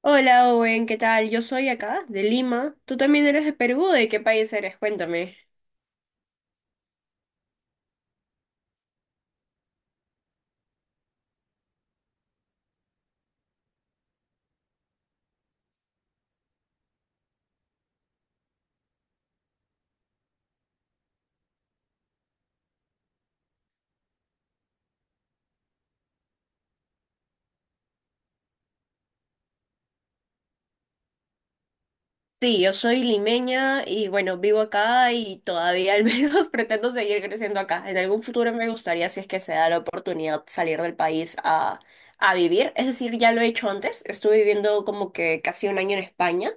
Hola Owen, ¿qué tal? Yo soy acá, de Lima. ¿Tú también eres de Perú? ¿De qué país eres? Cuéntame. Sí, yo soy limeña y bueno, vivo acá y todavía al menos pretendo seguir creciendo acá. En algún futuro me gustaría, si es que se da la oportunidad, salir del país a vivir. Es decir, ya lo he hecho antes. Estuve viviendo como que casi un año en España.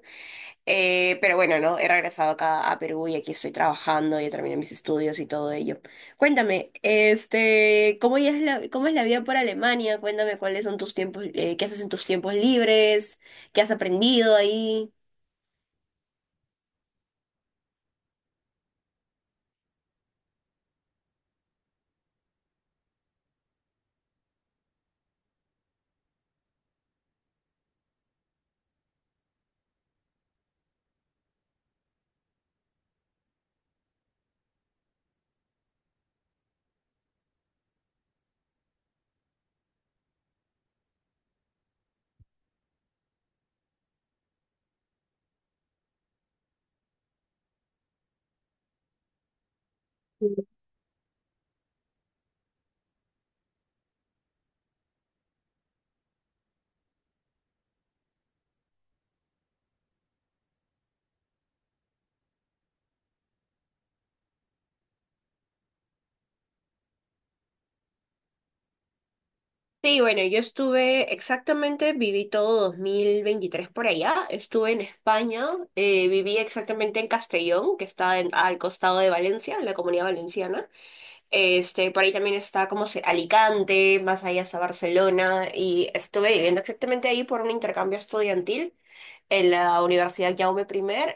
Pero bueno, ¿no? He regresado acá a Perú y aquí estoy trabajando, ya terminé mis estudios y todo ello. Cuéntame, ¿cómo ya es cómo es la vida por Alemania? Cuéntame cuáles son tus tiempos, qué haces en tus tiempos libres, qué has aprendido ahí. Sí, bueno, yo estuve exactamente, viví todo 2023 por allá, estuve en España, viví exactamente en Castellón, que está al costado de Valencia, en la Comunidad Valenciana. Por ahí también está Alicante, más allá hasta Barcelona, y estuve viviendo exactamente ahí por un intercambio estudiantil en la Universidad Jaume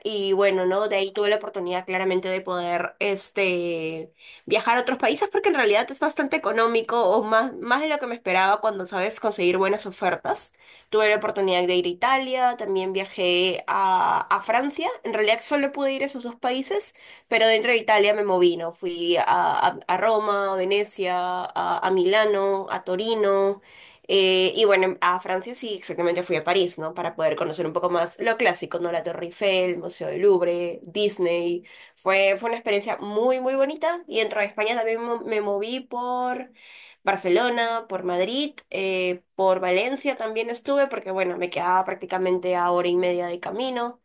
I. Y bueno, ¿no? De ahí tuve la oportunidad claramente de poder viajar a otros países porque en realidad es bastante económico o más, más de lo que me esperaba cuando sabes conseguir buenas ofertas. Tuve la oportunidad de ir a Italia, también viajé a Francia. En realidad solo pude ir a esos dos países, pero dentro de Italia me moví, ¿no? Fui a Roma, a Venecia, a Milano, a Torino. Y bueno, a Francia sí, exactamente fui a París, ¿no? Para poder conocer un poco más lo clásico, ¿no? La Torre Eiffel, Museo del Louvre, Disney. Fue una experiencia muy, muy bonita. Y dentro de España también me moví por Barcelona, por Madrid, por Valencia también estuve, porque bueno, me quedaba prácticamente a hora y media de camino.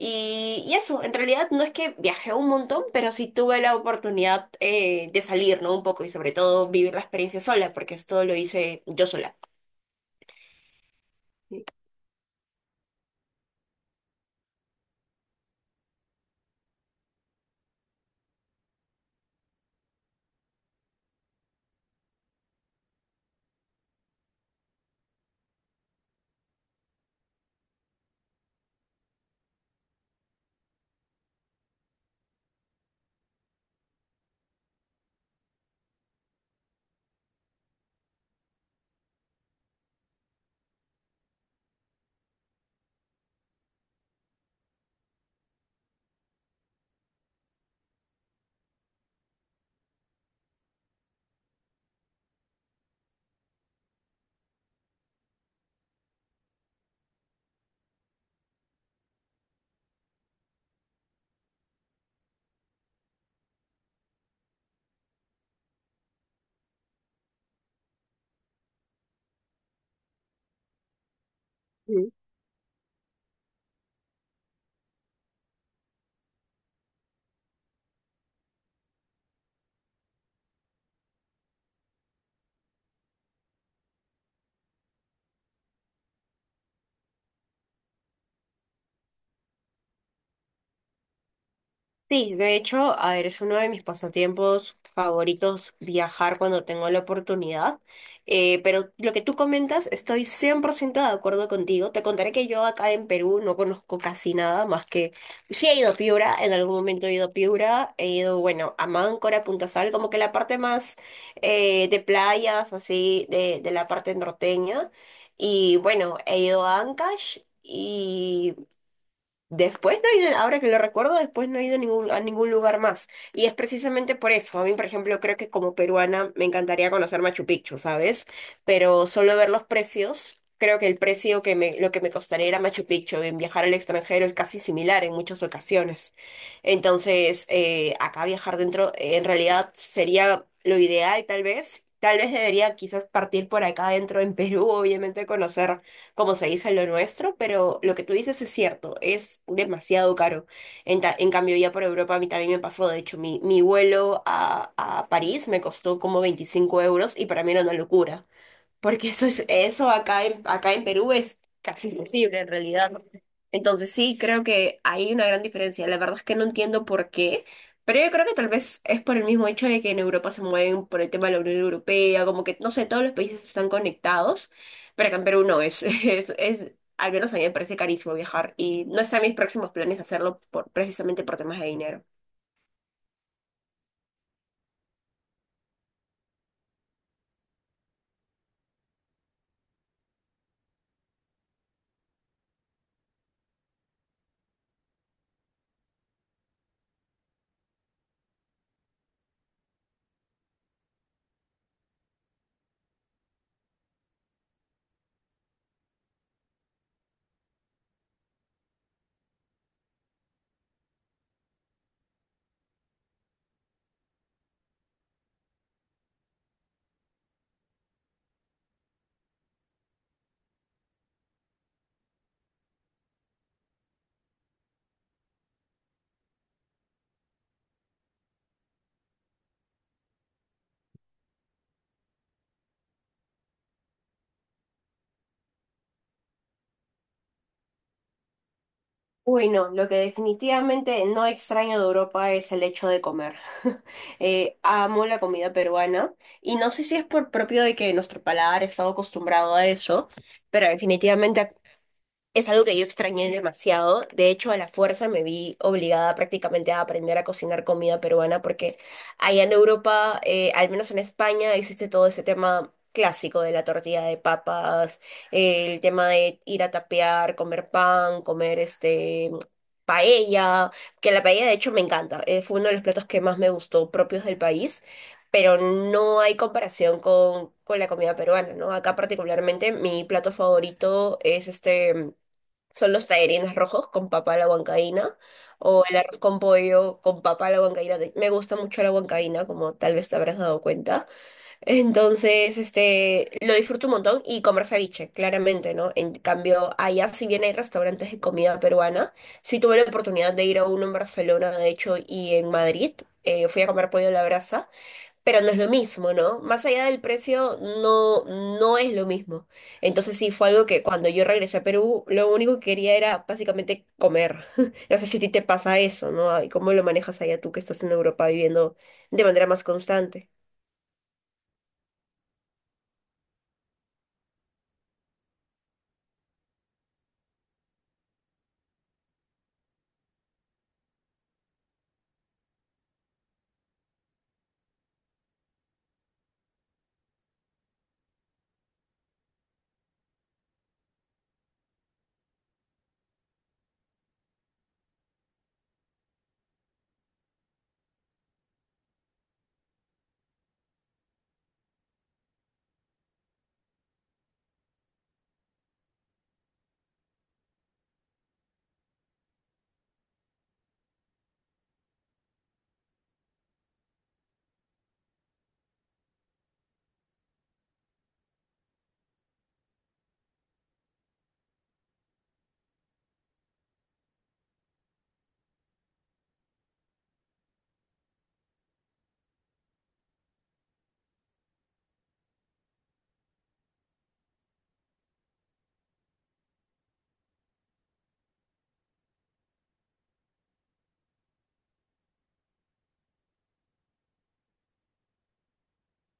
Y eso, en realidad no es que viajé un montón, pero sí tuve la oportunidad de salir, ¿no? Un poco y sobre todo vivir la experiencia sola, porque esto lo hice yo sola. Sí, de hecho, a ver, es uno de mis pasatiempos favoritos viajar cuando tengo la oportunidad. Pero lo que tú comentas, estoy 100% de acuerdo contigo. Te contaré que yo acá en Perú no conozco casi nada más que... Sí he ido a Piura, en algún momento he ido a Piura, he ido, bueno, a Máncora, a Punta Sal, como que la parte más de playas, así, de la parte norteña. Y bueno, he ido a Ancash. Después no he ido, ahora que lo recuerdo, después no he ido a a ningún lugar más. Y es precisamente por eso. A mí, por ejemplo, creo que como peruana me encantaría conocer Machu Picchu, ¿sabes? Pero solo ver los precios, creo que el precio que lo que me costaría ir a Machu Picchu en viajar al extranjero es casi similar en muchas ocasiones. Entonces, acá viajar dentro, en realidad sería lo ideal, tal vez. Tal vez debería quizás partir por acá dentro en Perú, obviamente conocer como se dice en lo nuestro, pero lo que tú dices es cierto, es demasiado caro. En cambio, ya por Europa a mí también me pasó, de hecho, mi vuelo a París me costó como 25 euros y para mí era una locura porque eso es, eso acá en Perú es casi imposible en realidad. ¿No? Entonces sí, creo que hay una gran diferencia. La verdad es que no entiendo por qué, pero yo creo que tal vez es por el mismo hecho de que en Europa se mueven por el tema de la Unión Europea, como que, no sé, todos los países están conectados, pero acá en Perú no es, es, al menos a mí me parece carísimo viajar y no están mis próximos planes hacerlo por, precisamente por temas de dinero. Uy, no, lo que definitivamente no extraño de Europa es el hecho de comer. Amo la comida peruana y no sé si es por propio de que nuestro paladar está acostumbrado a eso, pero definitivamente es algo que yo extrañé demasiado. De hecho, a la fuerza me vi obligada prácticamente a aprender a cocinar comida peruana porque allá en Europa, al menos en España, existe todo ese tema clásico de la tortilla de papas, el tema de ir a tapear, comer pan, comer paella, que la paella de hecho me encanta. Fue uno de los platos que más me gustó propios del país. Pero no hay comparación con la comida peruana, ¿no? Acá particularmente mi plato favorito es este son los tallarines rojos con papa a la huancaína o el arroz con pollo con papa a la huancaína. Me gusta mucho la huancaína, como tal vez te habrás dado cuenta. Entonces, lo disfruto un montón y comer ceviche, claramente, ¿no? En cambio, allá si bien hay restaurantes de comida peruana, sí tuve la oportunidad de ir a uno en Barcelona, de hecho, y en Madrid. Fui a comer pollo a la brasa. Pero no es lo mismo, ¿no? Más allá del precio, no, no es lo mismo. Entonces sí fue algo que cuando yo regresé a Perú, lo único que quería era básicamente comer. No sé si a ti te pasa eso, ¿no? ¿Y cómo lo manejas allá tú que estás en Europa viviendo de manera más constante?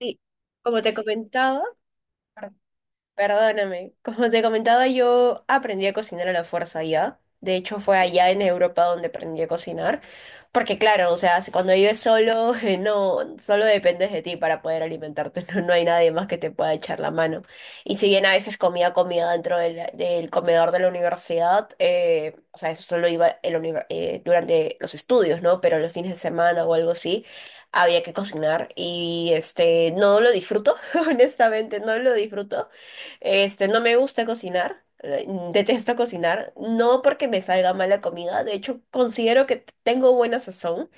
Sí, como te comentaba. Perdóname, como te comentaba, yo aprendí a cocinar a la fuerza allá. De hecho, fue allá en Europa donde aprendí a cocinar. Porque claro, o sea, cuando vives solo, no, solo dependes de ti para poder alimentarte. No, no hay nadie más que te pueda echar la mano. Y si bien a veces comía comida dentro del comedor de la universidad, o sea, eso solo iba en la durante los estudios, ¿no? Pero los fines de semana o algo así había que cocinar y este no lo disfruto, honestamente no lo disfruto, este, no me gusta cocinar, detesto cocinar, no porque me salga mala comida, de hecho considero que tengo buena sazón,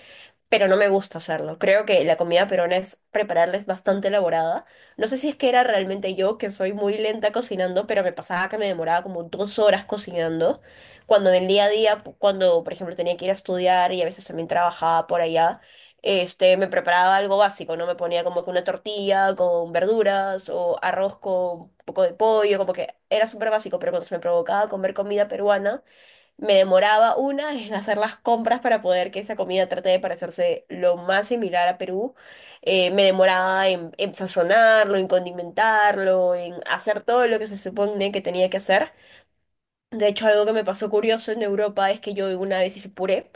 pero no me gusta hacerlo. Creo que la comida peruana es prepararla es bastante elaborada. No sé si es que era realmente yo que soy muy lenta cocinando, pero me pasaba que me demoraba como 2 horas cocinando, cuando en el día a día, cuando por ejemplo tenía que ir a estudiar y a veces también trabajaba por allá. Me preparaba algo básico, ¿no? Me ponía como que una tortilla con verduras o arroz con un poco de pollo, como que era súper básico, pero cuando se me provocaba comer comida peruana, me demoraba una en hacer las compras para poder que esa comida trate de parecerse lo más similar a Perú. Me demoraba en sazonarlo, en condimentarlo, en hacer todo lo que se supone que tenía que hacer. De hecho, algo que me pasó curioso en Europa es que yo una vez hice puré,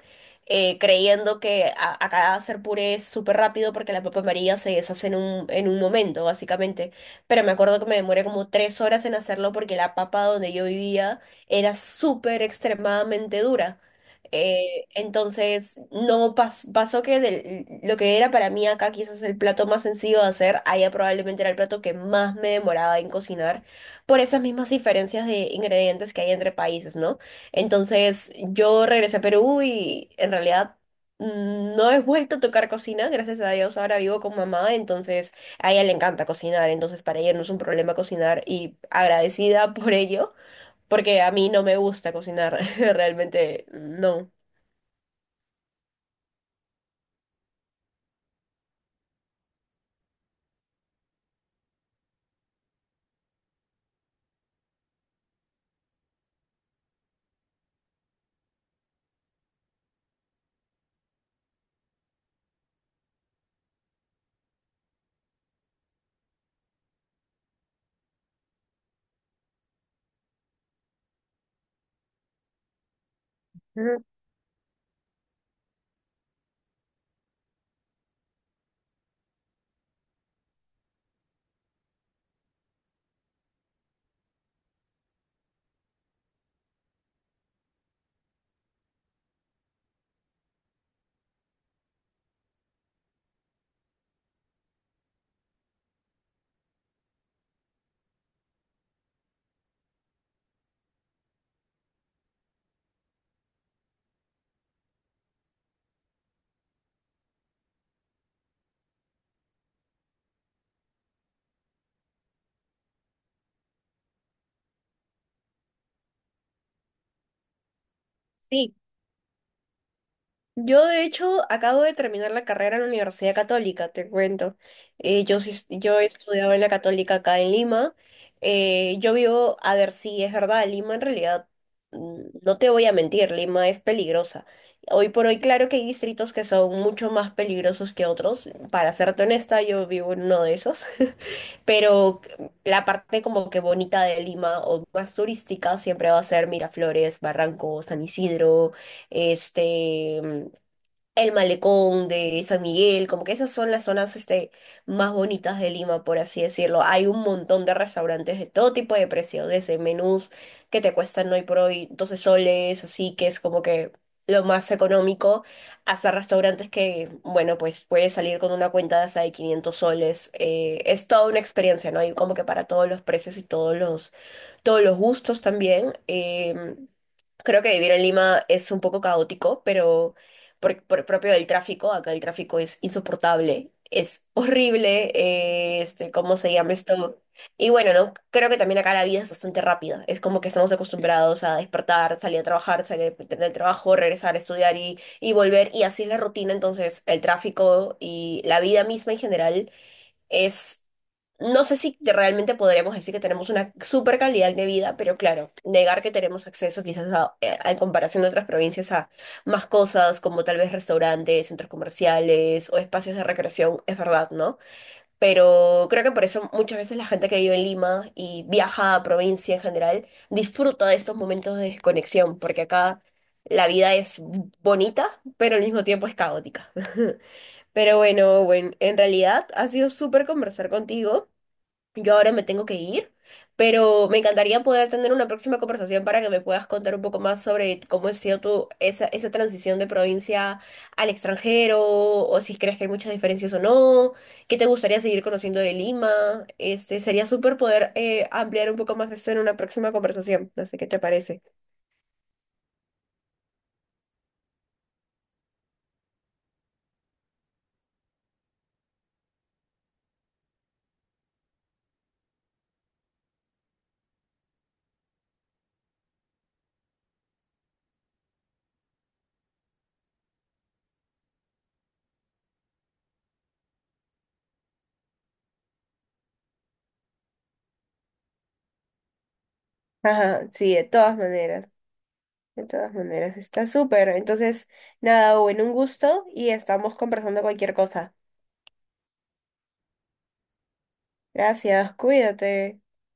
creyendo que acá hacer puré es súper rápido porque la papa amarilla se deshace en en un momento, básicamente. Pero me acuerdo que me demoré como 3 horas en hacerlo porque la papa donde yo vivía era súper extremadamente dura. Entonces, no pas- pasó que lo que era para mí acá quizás el plato más sencillo de hacer, allá probablemente era el plato que más me demoraba en cocinar por esas mismas diferencias de ingredientes que hay entre países, ¿no? Entonces, yo regresé a Perú y en realidad no he vuelto a tocar cocina, gracias a Dios, ahora vivo con mamá, entonces a ella le encanta cocinar, entonces para ella no es un problema cocinar y agradecida por ello, porque a mí no me gusta cocinar, realmente no. Ujú. Sí, yo, de hecho, acabo de terminar la carrera en la Universidad Católica, te cuento. Yo he estudiado en la Católica acá en Lima. A ver, si es verdad, Lima en realidad, mm, no te voy a mentir, Lima es peligrosa. Hoy por hoy, claro que hay distritos que son mucho más peligrosos que otros. Para serte honesta, yo vivo en uno de esos. Pero la parte como que bonita de Lima o más turística siempre va a ser Miraflores, Barranco, San Isidro, este el Malecón de San Miguel, como que esas son las zonas más bonitas de Lima, por así decirlo. Hay un montón de restaurantes de todo tipo de precio, desde menús que te cuestan hoy por hoy 12 soles, así que es como que lo más económico, hasta restaurantes que, bueno, pues puedes salir con una cuenta de hasta de 500 soles. Es toda una experiencia, ¿no? Hay como que para todos los precios y todos todos los gustos también. Creo que vivir en Lima es un poco caótico, pero por propio del tráfico. Acá el tráfico es insoportable, es horrible, ¿cómo se llama esto? Y bueno, ¿no? Creo que también acá la vida es bastante rápida. Es como que estamos acostumbrados a despertar, salir a trabajar, salir del trabajo, regresar a estudiar y volver. Y así es la rutina. Entonces, el tráfico y la vida misma en general es, no sé si te- realmente podríamos decir que tenemos una super calidad de vida, pero claro, negar que tenemos acceso quizás en comparación de otras provincias a más cosas como tal vez restaurantes, centros comerciales o espacios de recreación, es verdad, ¿no? Pero creo que por eso muchas veces la gente que vive en Lima y viaja a provincia en general disfruta de estos momentos de desconexión, porque acá la vida es bonita, pero al mismo tiempo es caótica. Pero bueno, Owen, en realidad ha sido súper conversar contigo. Yo ahora me tengo que ir, pero me encantaría poder tener una próxima conversación para que me puedas contar un poco más sobre cómo ha sido tu, esa transición de provincia al extranjero, o si crees que hay muchas diferencias o no, qué te gustaría seguir conociendo de Lima. Este, sería súper poder ampliar un poco más eso en una próxima conversación. No sé qué te parece. Ajá, sí, de todas maneras. De todas maneras, está súper. Entonces, nada, bueno, un gusto y estamos conversando cualquier cosa. Gracias, cuídate.